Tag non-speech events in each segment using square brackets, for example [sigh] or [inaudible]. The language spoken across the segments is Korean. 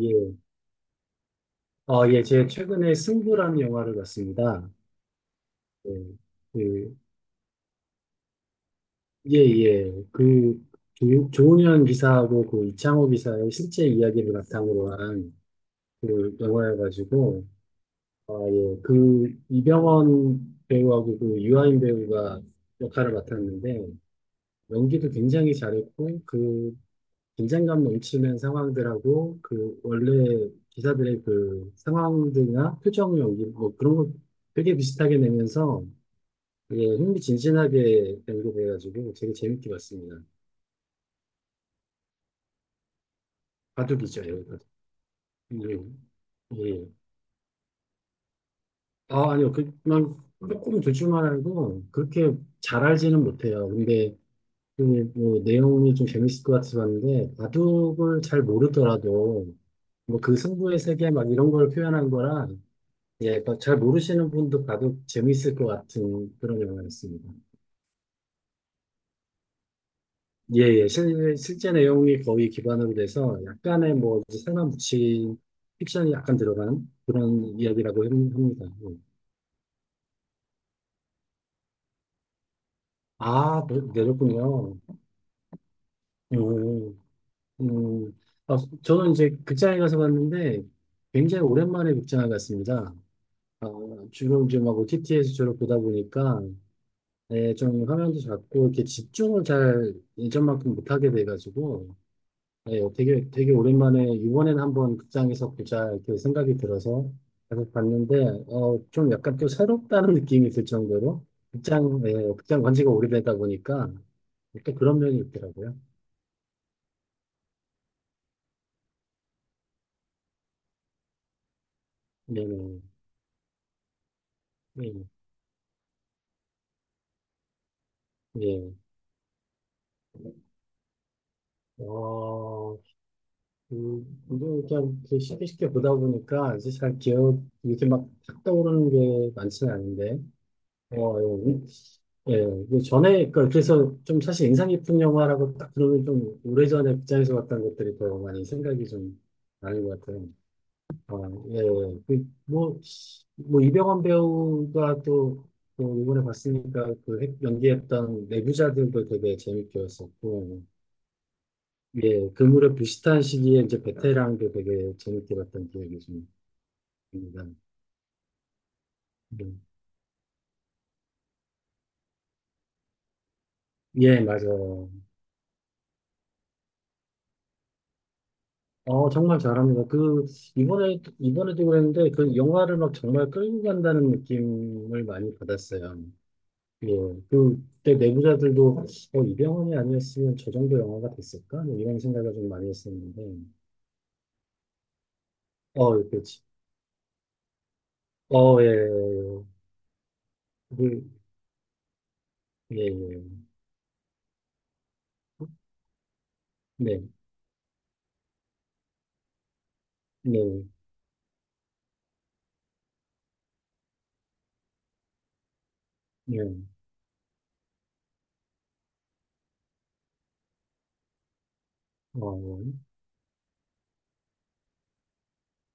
예. 예, 제가 최근에 승부라는 영화를 봤습니다. 예, 그, 예, 예. 조은현 기사하고 그 이창호 기사의 실제 이야기를 바탕으로 한 그 영화여가지고, 예. 이병헌 배우하고 그 유아인 배우가 역할을 맡았는데, 연기도 굉장히 잘했고, 긴장감 넘치는 상황들하고, 원래 기사들의 그 상황들이나 표정 연기, 뭐 그런 거 되게 비슷하게 내면서 되게 흥미진진하게 연구돼가지고 되게 재밌게 봤습니다. 바둑이죠, 여기 바둑. 예. 예. 아, 아니요. 그, 냥 조금 대줄만 알고 그렇게 잘 알지는 못해요. 근데 그, 뭐, 내용이 좀 재밌을 것 같아서 봤는데 바둑을 잘 모르더라도 뭐 그 승부의 세계 막 이런 걸 표현한 거라 예, 그러니까 잘 모르시는 분도 바둑 재밌을 것 같은 그런 영화였습니다. 예, 예. 실, 실제 내용이 거의 기반으로 돼서 약간의 뭐 이제 사람 붙인 픽션이 약간 들어간 그런 이야기라고 합니다. 예. 아, 내렸군요. 음, 음. 아, 저는 이제 극장에 가서 봤는데 굉장히 오랜만에 극장에 갔습니다. 아, 주로 이제 막 OTT에서 주로 보다 보니까 예, 좀 화면도 작고 이렇게 집중을 잘 예전만큼 못하게 돼가지고 네, 되게 오랜만에 이번엔 한번 극장에서 보자 이렇게 생각이 들어서 계속 봤는데 좀 약간 또 새롭다는 느낌이 들 정도로 극장, 네, 극장 간 지가 오래되다 보니까 또 그런 면이 있더라고요. 네네. 네, 네. 어, 그, 이거 그냥 이렇게 쉽게 쉽게 보다 보니까 이제 잘 기억, 이렇게 막탁 떠오르는 게 많지는 않은데 어, 예, 예, 그 전에, 그래서 좀 사실 인상 깊은 영화라고 딱 그러면 좀 오래전에 극장에서 봤던 것들이 더 많이 생각이 좀 나는 것 같아요. 예, 예. 뭐, 이병헌 배우가 또, 또 이번에 봤으니까 그 연기했던 내부자들도 되게 재밌게 봤었고, 예, 그 무렵 비슷한 시기에 이제 베테랑도 되게 재밌게 봤던 기억이 좀 납니다. 음. 예, 맞아요. 어, 정말 잘합니다. 이번에도 그랬는데, 그 영화를 막 정말 끌고 간다는 느낌을 많이 받았어요. 예. 그, 그때 내부자들도, 이병헌이 아니었으면 저 정도 영화가 됐을까? 뭐 이런 생각을 좀 많이 했었는데, 어, 그렇 지 어, 예, 그, 예, 예. 네, 네, 네. 어,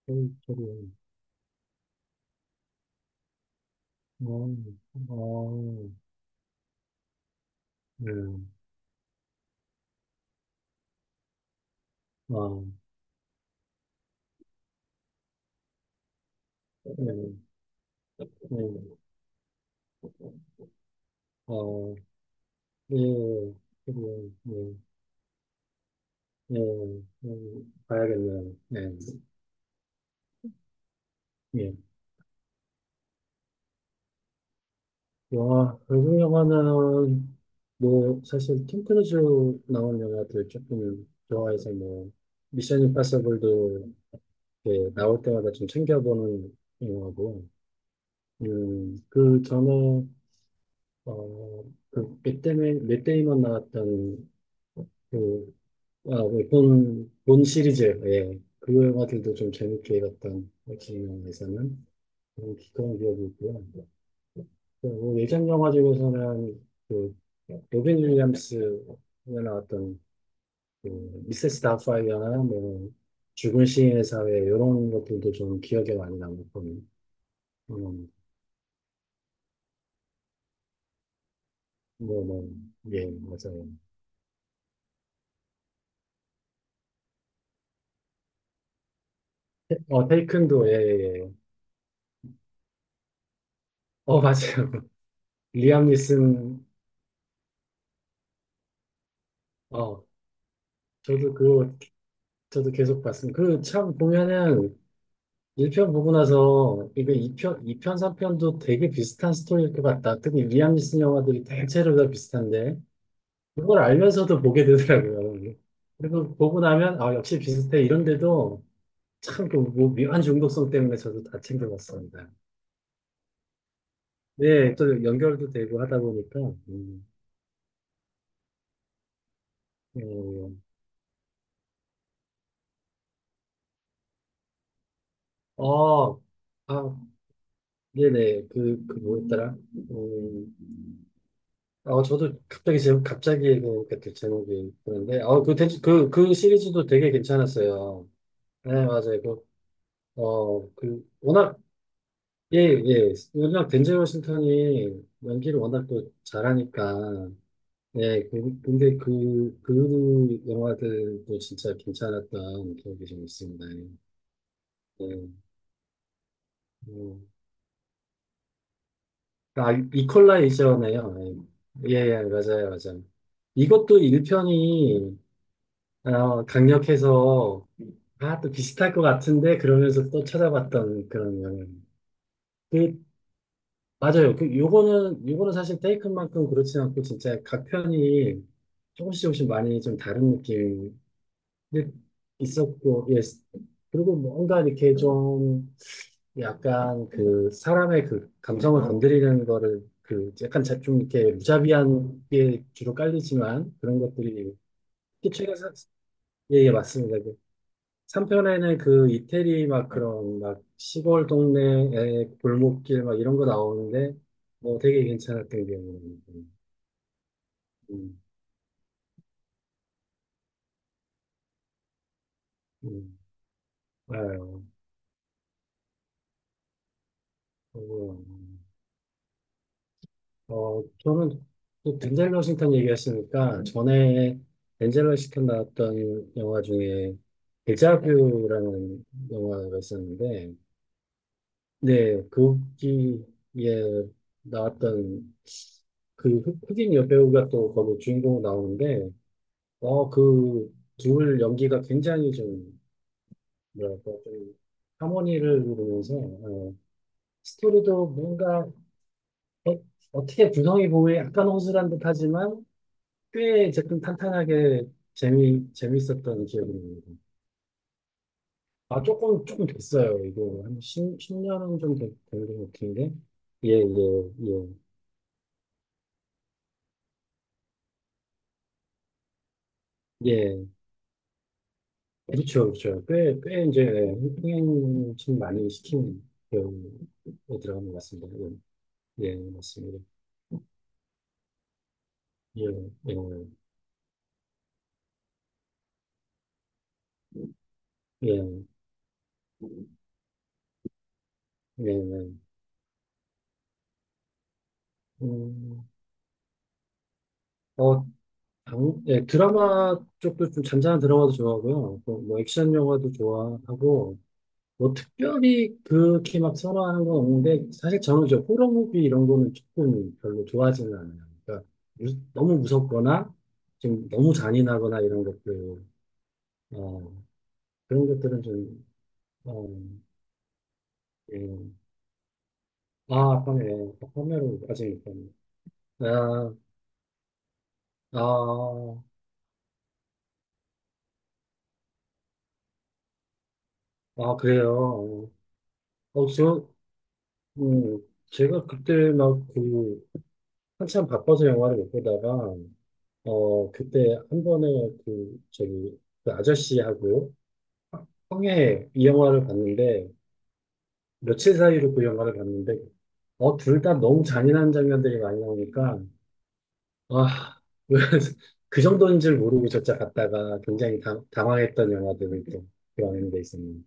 저기, 저기, 어, 어, 네, 어, 네, 네, 어, 예, 그리고 예, 봐야겠네요. 네, 예. 영화, 외국 영화는, 뭐, 사실, 톰 크루즈 나온 영화들 조금 좋아해서, 뭐, 미션 임파서블도, 예, 나올 때마다 좀 챙겨보는 영화고, 그 전에, 어, 맷 데이먼 나왔던, 그, 아, 그 본, 본 시리즈, 예. 그 영화들도 좀 재밌게 봤던, 역시 영화에서는, 그런 기억이 있고요. 그 예전 영화 중에서는 그 로빈 윌리엄스가 나왔던 그 미세스 다우파이어나 뭐 죽은 시인의 사회 이런 것들도 좀 기억에 많이 남고 음, 뭐뭐예 맞아요. 테- 어 테이큰도 예예예. 어 맞아요. [laughs] 리암 니슨. 어 저도 그거 저도 계속 봤습니다. 그 참 보면은 1편 보고 나서 이거 2편, 3편도 되게 비슷한 스토리일 것 같다. 특히 리암 니슨 영화들이 대체로 다 비슷한데 그걸 알면서도 보게 되더라고요. 그리고 보고 나면 아 역시 비슷해 이런데도 참그뭐 묘한 중독성 때문에 저도 다 챙겨봤습니다. 네, 또 연결도 되고 하다 보니까 음, 어, 어, 아, 네네 그 그 뭐였더라? 음, 저도 갑자기 제목, 갑자기 그 그 제목이 그런데, 대, 그 시리즈도 되게 괜찮았어요. 네, 맞아요. 워낙, 예, 예. 워낙 덴젤 워싱턴이 연기를 워낙 또 잘하니까, 예, 근데 그 영화들도 진짜 괜찮았던 기억이 좀 있습니다. 예. 예. 음. 아, 이퀄라이저네요. 예, 예, 예, 맞아요, 맞아요. 이것도 1편이 강력해서 아, 또 비슷할 것 같은데, 그러면서 또 찾아봤던 그런 영화. 그, 맞아요. 요거는 사실 테이큰만큼 그렇진 않고, 진짜 각 편이 조금씩 조금씩 많이 좀 다른 느낌이 있었고, 예. 그리고 뭔가 이렇게 좀, 약간 사람의 그 감성을 건드리는 거를, 약간 좀 이렇게 무자비한 게 주로 깔리지만, 그런 것들이, 특히 최근, 사- 예, 예, 맞습니다. 그 3편에는 그 이태리 막 그런 막 시골 동네의 골목길 막 이런 거 나오는데 뭐 되게 괜찮았던 기억이 나요데 음, 음, 알아요. 그리고, 저는 또 덴젤 워싱턴 얘기하시니까 전에 덴젤 워싱턴 나왔던 영화 중에 데자뷰라는 영화가 있었는데 네, 거기에 나왔던 그 흑인 여배우가 또 거기 주인공 나오는데 어, 그, 둘 연기가 굉장히 좀, 뭐랄까, 좀, 하모니를 이루면서, 스토리도 뭔가, 어, 어떻게 구성이 보기에 약간 허술한 듯 하지만, 꽤 조금 탄탄하게 재미, 재밌었던 기억이 납니다. 아, 조금, 조금 됐어요. 이거, 한 10, 년은 좀 된, 된것 같은데. 예, 예, 예. 예, 그렇죠, 그렇죠. 꽤, 꽤 이제, 흥행 좀 많이 시키는 배우에 들어간 것 같습니다. 예, 예, 맞습니다. 예, 예, 예, 예, 예. 음, 어, 당, 예, 드라마 쪽도 좀 잔잔한 드라마도 좋아하고요. 또 뭐, 액션 영화도 좋아하고, 뭐, 특별히 그렇게 막 선호하는 건 없는데, 사실 저는 이제 호러 무비 이런 거는 조금 별로 좋아하지는 않아요. 그러니까, 너무 무섭거나, 좀 너무 잔인하거나 이런 것들, 어, 그런 것들은 좀, 어, 예. 아, 아까네. 아까네로 아직 있다네. 아, 아, 아, 그래요. 어, 저, 음, 제가 그때 막 한참 바빠서 영화를 못 보다가, 그때 한 번에 저기, 그 아저씨하고 형의 이 영화를 봤는데, 며칠 사이로 그 영화를 봤는데, 둘 다 너무 잔인한 장면들이 많이 나오니까, 아, [laughs] 그래서 그 정도인 줄 모르고 저자 갔다가 굉장히 당, 당황했던 영화들을 또 그런 데 있었네요.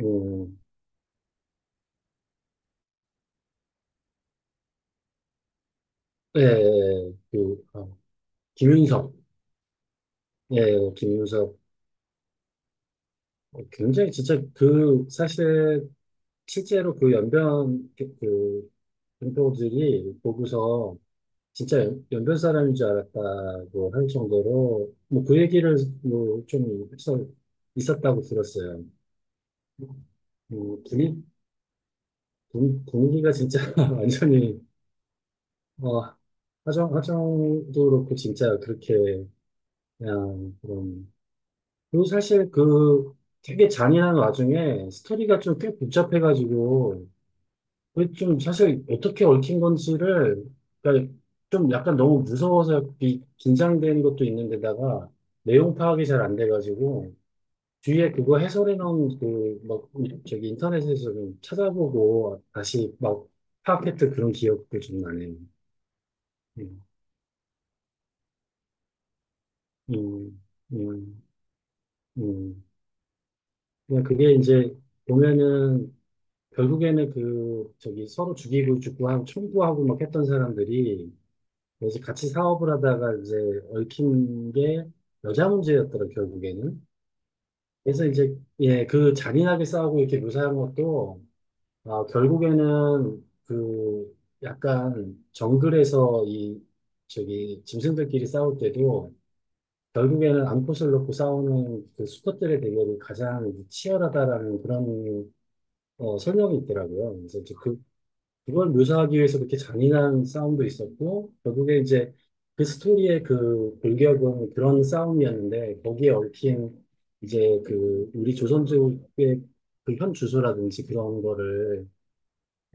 음, 예, 예, 예. 어, 김윤석, 예, 김윤석. 어, 굉장히 진짜 그 사실 실제로 그 연변 그, 그 분포들이 보고서 진짜 변 사람인 줄 알았다고 할 정도로 뭐 그 얘기를 뭐 좀 해서 있었다고 들었어요. 분위, 분위기가 진짜 [laughs] 완전히 어, 하정도 그렇고 진짜 그렇게 그냥 그런 그리고 사실 그 되게 잔인한 와중에 스토리가 좀 꽤 복잡해가지고 그게 좀 사실 어떻게 얽힌 건지를 그러니까 좀 약간 너무 무서워서 긴장되는 것도 있는데다가 내용 파악이 잘 안 돼가지고 뒤에 그거 해설해 놓은 그막 저기 인터넷에서 좀 찾아보고 다시 막 파악했던 그런 기억도 좀 나네요. 음, 음, 음, 음. 그냥 그게 이제 보면은 결국에는 그 저기 서로 죽이고 죽고 하고 청구하고 막 했던 사람들이 이제 같이 사업을 하다가 이제 얽힌 게 여자 문제였더라, 결국에는. 그래서 이제, 예, 그 잔인하게 싸우고 이렇게 묘사한 것도, 아, 결국에는 그 약간 정글에서 이, 저기, 짐승들끼리 싸울 때도 결국에는 암컷을 놓고 싸우는 그 수컷들의 대결이 가장 치열하다라는 그런 설명이 있더라고요. 그래서 이제 그걸 묘사하기 위해서 그렇게 잔인한 싸움도 있었고, 결국에 이제 그 스토리의 그 골격은 그런 싸움이었는데, 거기에 얽힌 이제 그 우리 조선족의 그 현 주소라든지 그런 거를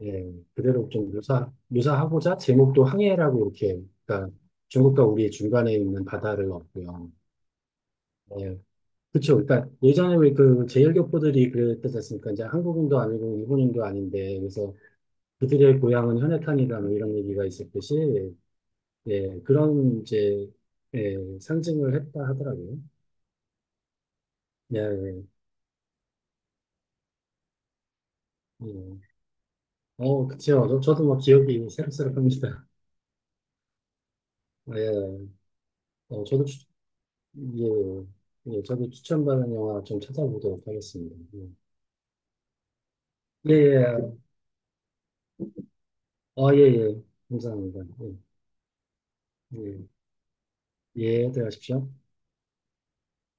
예, 그대로 좀 묘사, 묘사하고자 제목도 항해라고 이렇게, 그러니까 중국과 우리의 중간에 있는 바다를 얻고요. 예. 그쵸. 그러니까 예전에 왜 그 제일교포들이 그랬지 않습니까? 이제 한국인도 아니고 일본인도 아닌데, 그래서 그들의 고향은 현해탄이다 뭐 이런 얘기가 있었듯이 예, 그런 이제 예, 상징을 했다 하더라고요. 예, 예. 그쵸. 저, 저도 뭐 기억이 새록새록합니다. 예, 저도 추, 예, 예, 저도 추천받은 영화 좀 찾아보도록 하겠습니다. 예, 예, 예. 예, 예. 감사합니다. 예, 예, 예, 들어가십시오.